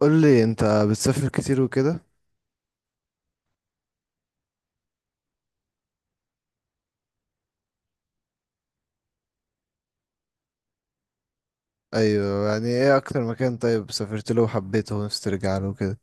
قول لي انت بتسافر كتير وكده. ايوه، يعني ايه اكتر مكان طيب سافرت له وحبيته ونفسي ترجع له وكده؟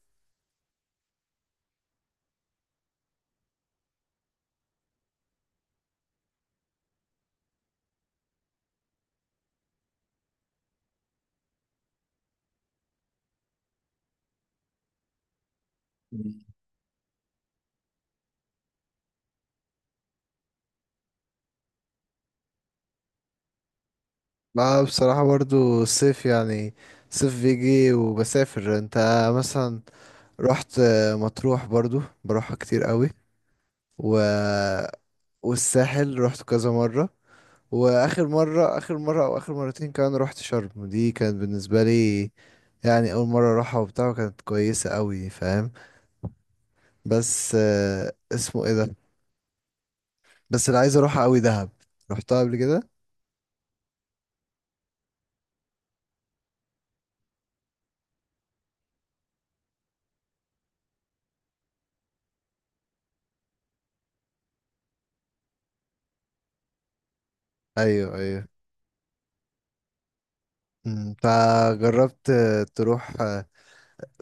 لا بصراحة برضو الصيف يعني، الصيف بيجي وبسافر. انت مثلا رحت مطروح برضو بروحها كتير قوي و... والساحل رحت كذا مرة. واخر مرة، اخر مرة او اخر مرتين كمان رحت شرم. دي كانت بالنسبة لي يعني اول مرة اروحها وبتاع، وكانت كويسة قوي، فاهم؟ بس اسمه ايه ده، بس اللي عايز اروحها قوي دهب. رحتها قبل كده؟ ايوه ايوه. فجربت تروح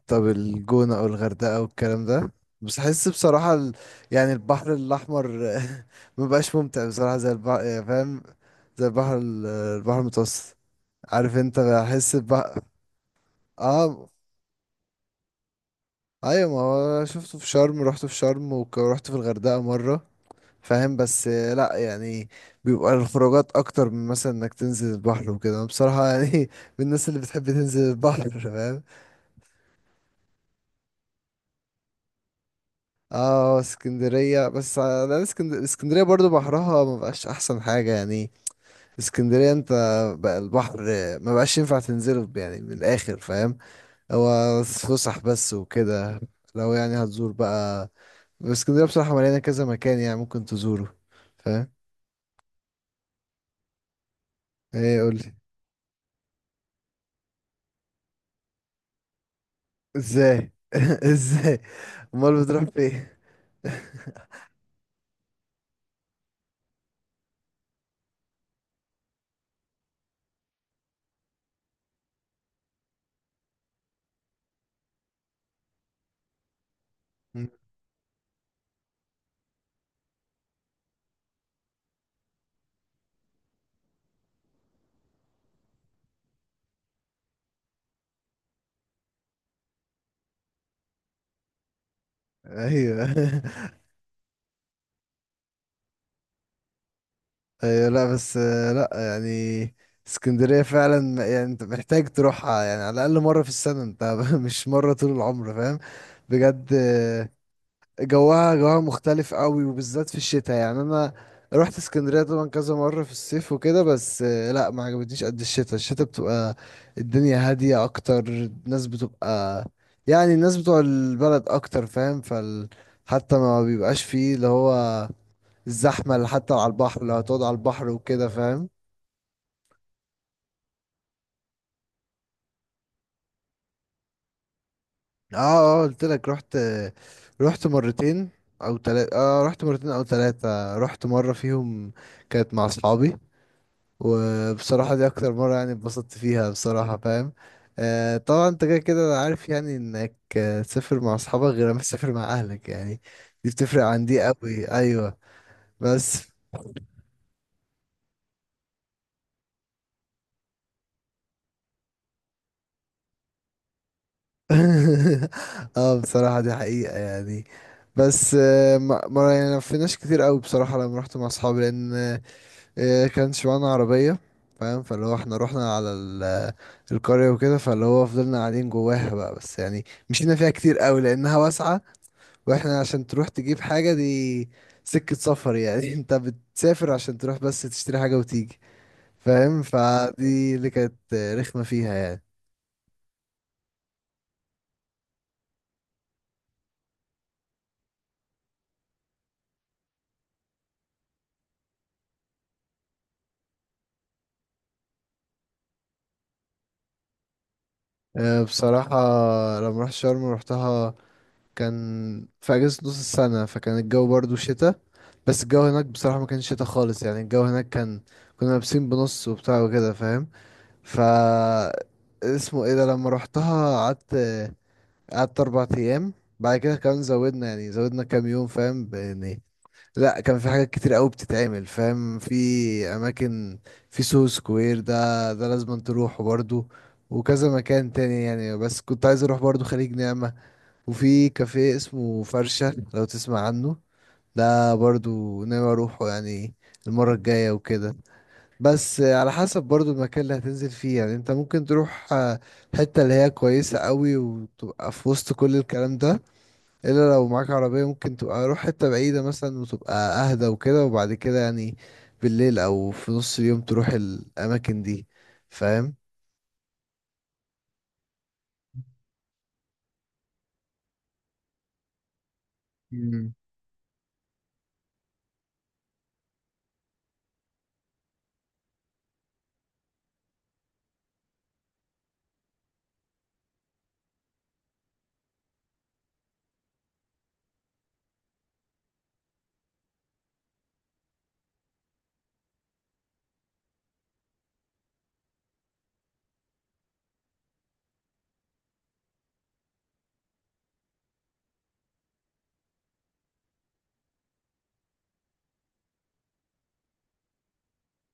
طب الجونة او الغردقة والكلام ده؟ بس احس بصراحة يعني البحر الاحمر ما بقاش ممتع بصراحة زي البحر، فاهم؟ زي البحر البحر المتوسط، عارف؟ انت بحس بقى. اه ايوه، ما هو شفته في شرم، رحت في شرم ورحت في الغردقة مرة. فاهم؟ بس لا يعني بيبقى الخروجات اكتر من مثلا انك تنزل البحر وكده. انا بصراحه يعني من الناس اللي بتحب تنزل البحر فاهم. اه اسكندريه، بس انا اسكندريه، اسكندريه برضو بحرها ما بقاش احسن حاجه يعني. اسكندريه انت بقى البحر ما بقاش ينفع تنزله يعني، من الاخر فاهم. هو فسح بس وكده. لو يعني هتزور بقى، اسكندريه بصراحه مليانه كذا مكان يعني ممكن تزوره، فاهم. ايه، قولي. ازاي؟ ازاي؟ امال بتروح فين؟ مم. ايوه ايوه، لا بس لا يعني اسكندرية فعلا يعني انت محتاج تروحها يعني على الاقل مرة في السنة انت مش مرة طول العمر، فاهم؟ بجد. جواها، جواها مختلف قوي وبالذات في الشتاء. يعني انا رحت اسكندريه طبعا كذا مره في الصيف وكده، بس لا ما عجبتنيش قد الشتاء. الشتاء بتبقى الدنيا هاديه اكتر. الناس بتبقى يعني الناس بتوع البلد اكتر، فاهم؟ فال حتى ما بيبقاش فيه اللي هو الزحمه اللي حتى على البحر، لو هتقعد على البحر وكده فاهم. اه، اه قلت لك رحت. رحت مرتين او تلاتة. اه رحت مرتين او تلاتة. رحت مره فيهم كانت مع اصحابي، وبصراحة دي أكتر مرة يعني اتبسطت فيها بصراحة، فاهم؟ آه طبعا أنت كده كده. أنا عارف يعني إنك تسافر مع أصحابك غير ما تسافر مع أهلك يعني، دي بتفرق عن دي أوي، أيوة. بس اه بصراحة دي حقيقة يعني. بس آه يعني ما لفيناش كتير أوي بصراحة لما رحت مع أصحابي، لأن آه كانش معانا عربية، فاهم؟ فاللي هو احنا رحنا على القرية وكده، فاللي هو فضلنا قاعدين جواها بقى، بس يعني مشينا فيها كتير قوي لانها واسعه. واحنا عشان تروح تجيب حاجة دي سكة سفر يعني انت بتسافر عشان تروح بس تشتري حاجة وتيجي، فاهم؟ فدي اللي كانت رخمة فيها يعني. أه، بصراحة لما رحت شرم روحتها كان في أجازة نص السنة، فكان الجو برضو شتاء. بس الجو هناك بصراحة ما كانش شتاء خالص يعني. الجو هناك كان، كنا لابسين بنص وبتاع وكده فاهم. ف اسمه ايه ده، لما روحتها قعدت، قعدت اربع ايام. بعد كده كمان زودنا يعني زودنا كام يوم، فاهم؟ يعني لا كان في حاجات كتير قوي بتتعمل، فاهم؟ في اماكن، في سو سكوير ده، ده لازم تروحه برضو. وكذا مكان تاني يعني. بس كنت عايز اروح برضو خليج نعمة، وفي كافيه اسمه فرشة لو تسمع عنه، ده برضو ناوي اروحه يعني المرة الجاية وكده. بس على حسب برضو المكان اللي هتنزل فيه يعني. انت ممكن تروح حتة اللي هي كويسة قوي وتبقى في وسط كل الكلام ده، الا لو معاك عربية ممكن تبقى روح حتة بعيدة مثلا وتبقى اهدى وكده، وبعد كده يعني بالليل او في نص اليوم تروح الاماكن دي، فاهم؟ مم.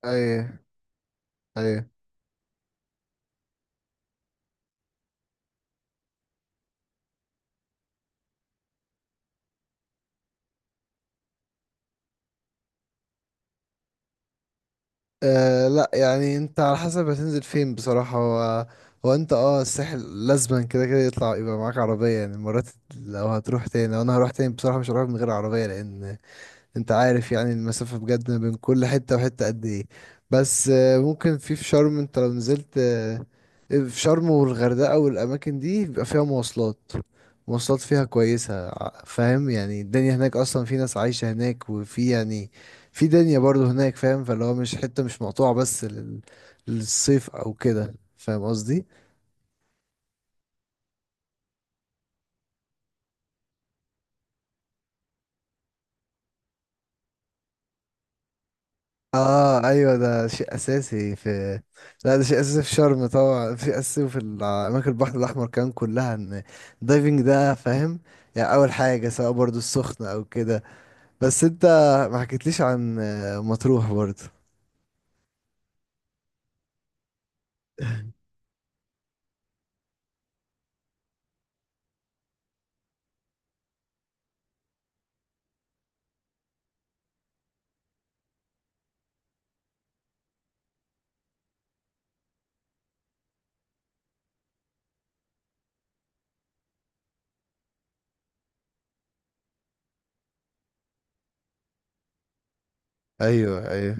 ايه ايه. آه لا يعني، انت على حسب هتنزل فين بصراحة. هو، هو انت اه الساحل لازما كده كده يطلع يبقى معاك عربية يعني مرات. لو هتروح تاني، لو انا هروح تاني بصراحة مش هروح من غير عربية، لان انت عارف يعني المسافة بجد ما بين كل حتة وحتة قد ايه. بس ممكن في في شرم، انت لو نزلت في شرم والغردقة والأماكن دي بيبقى فيها مواصلات، مواصلات فيها كويسة فاهم؟ يعني الدنيا هناك أصلا في ناس عايشة هناك، وفي يعني في دنيا برضو هناك فاهم. فاللي هو مش حتة مش مقطوعة بس للصيف أو كده، فاهم قصدي؟ اه ايوه، ده شيء اساسي في، لا ده شيء اساسي في شرم طبعا، في اساسي في اماكن البحر الاحمر كمان كلها، ان الدايفنج ده فاهم. يعني اول حاجه سواء برضو السخنه او كده. بس انت ما حكيتليش عن مطروح برضو. ايوه ايوه.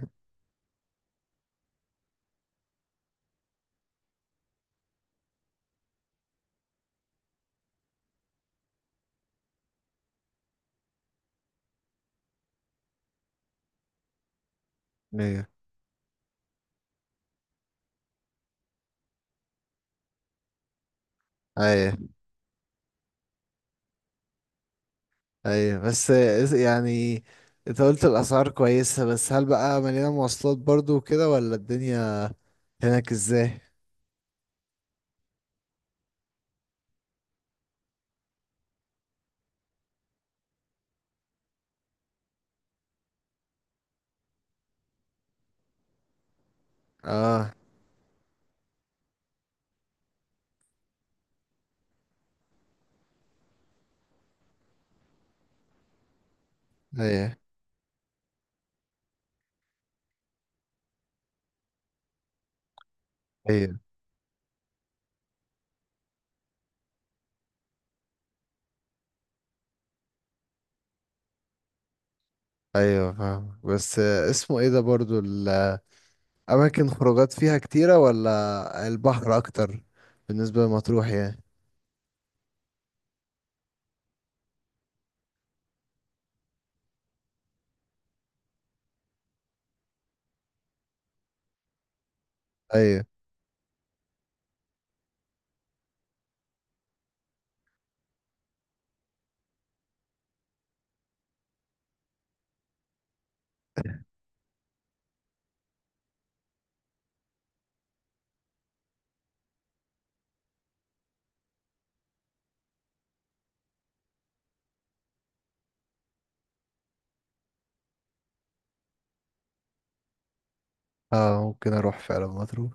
ايوه ايوه ايوه، بس يعني انت قلت الاسعار كويسه، بس هل بقى مليانه مواصلات برضو وكده، ولا الدنيا هناك ازاي؟ اه ايوه ايوه ايوه فاهم. بس اسمه ايه ده برضو، الاماكن خروجات فيها كتيرة ولا البحر اكتر، بالنسبة لمطروح يعني؟ ايوه. اه ممكن اروح فعلا مطروح.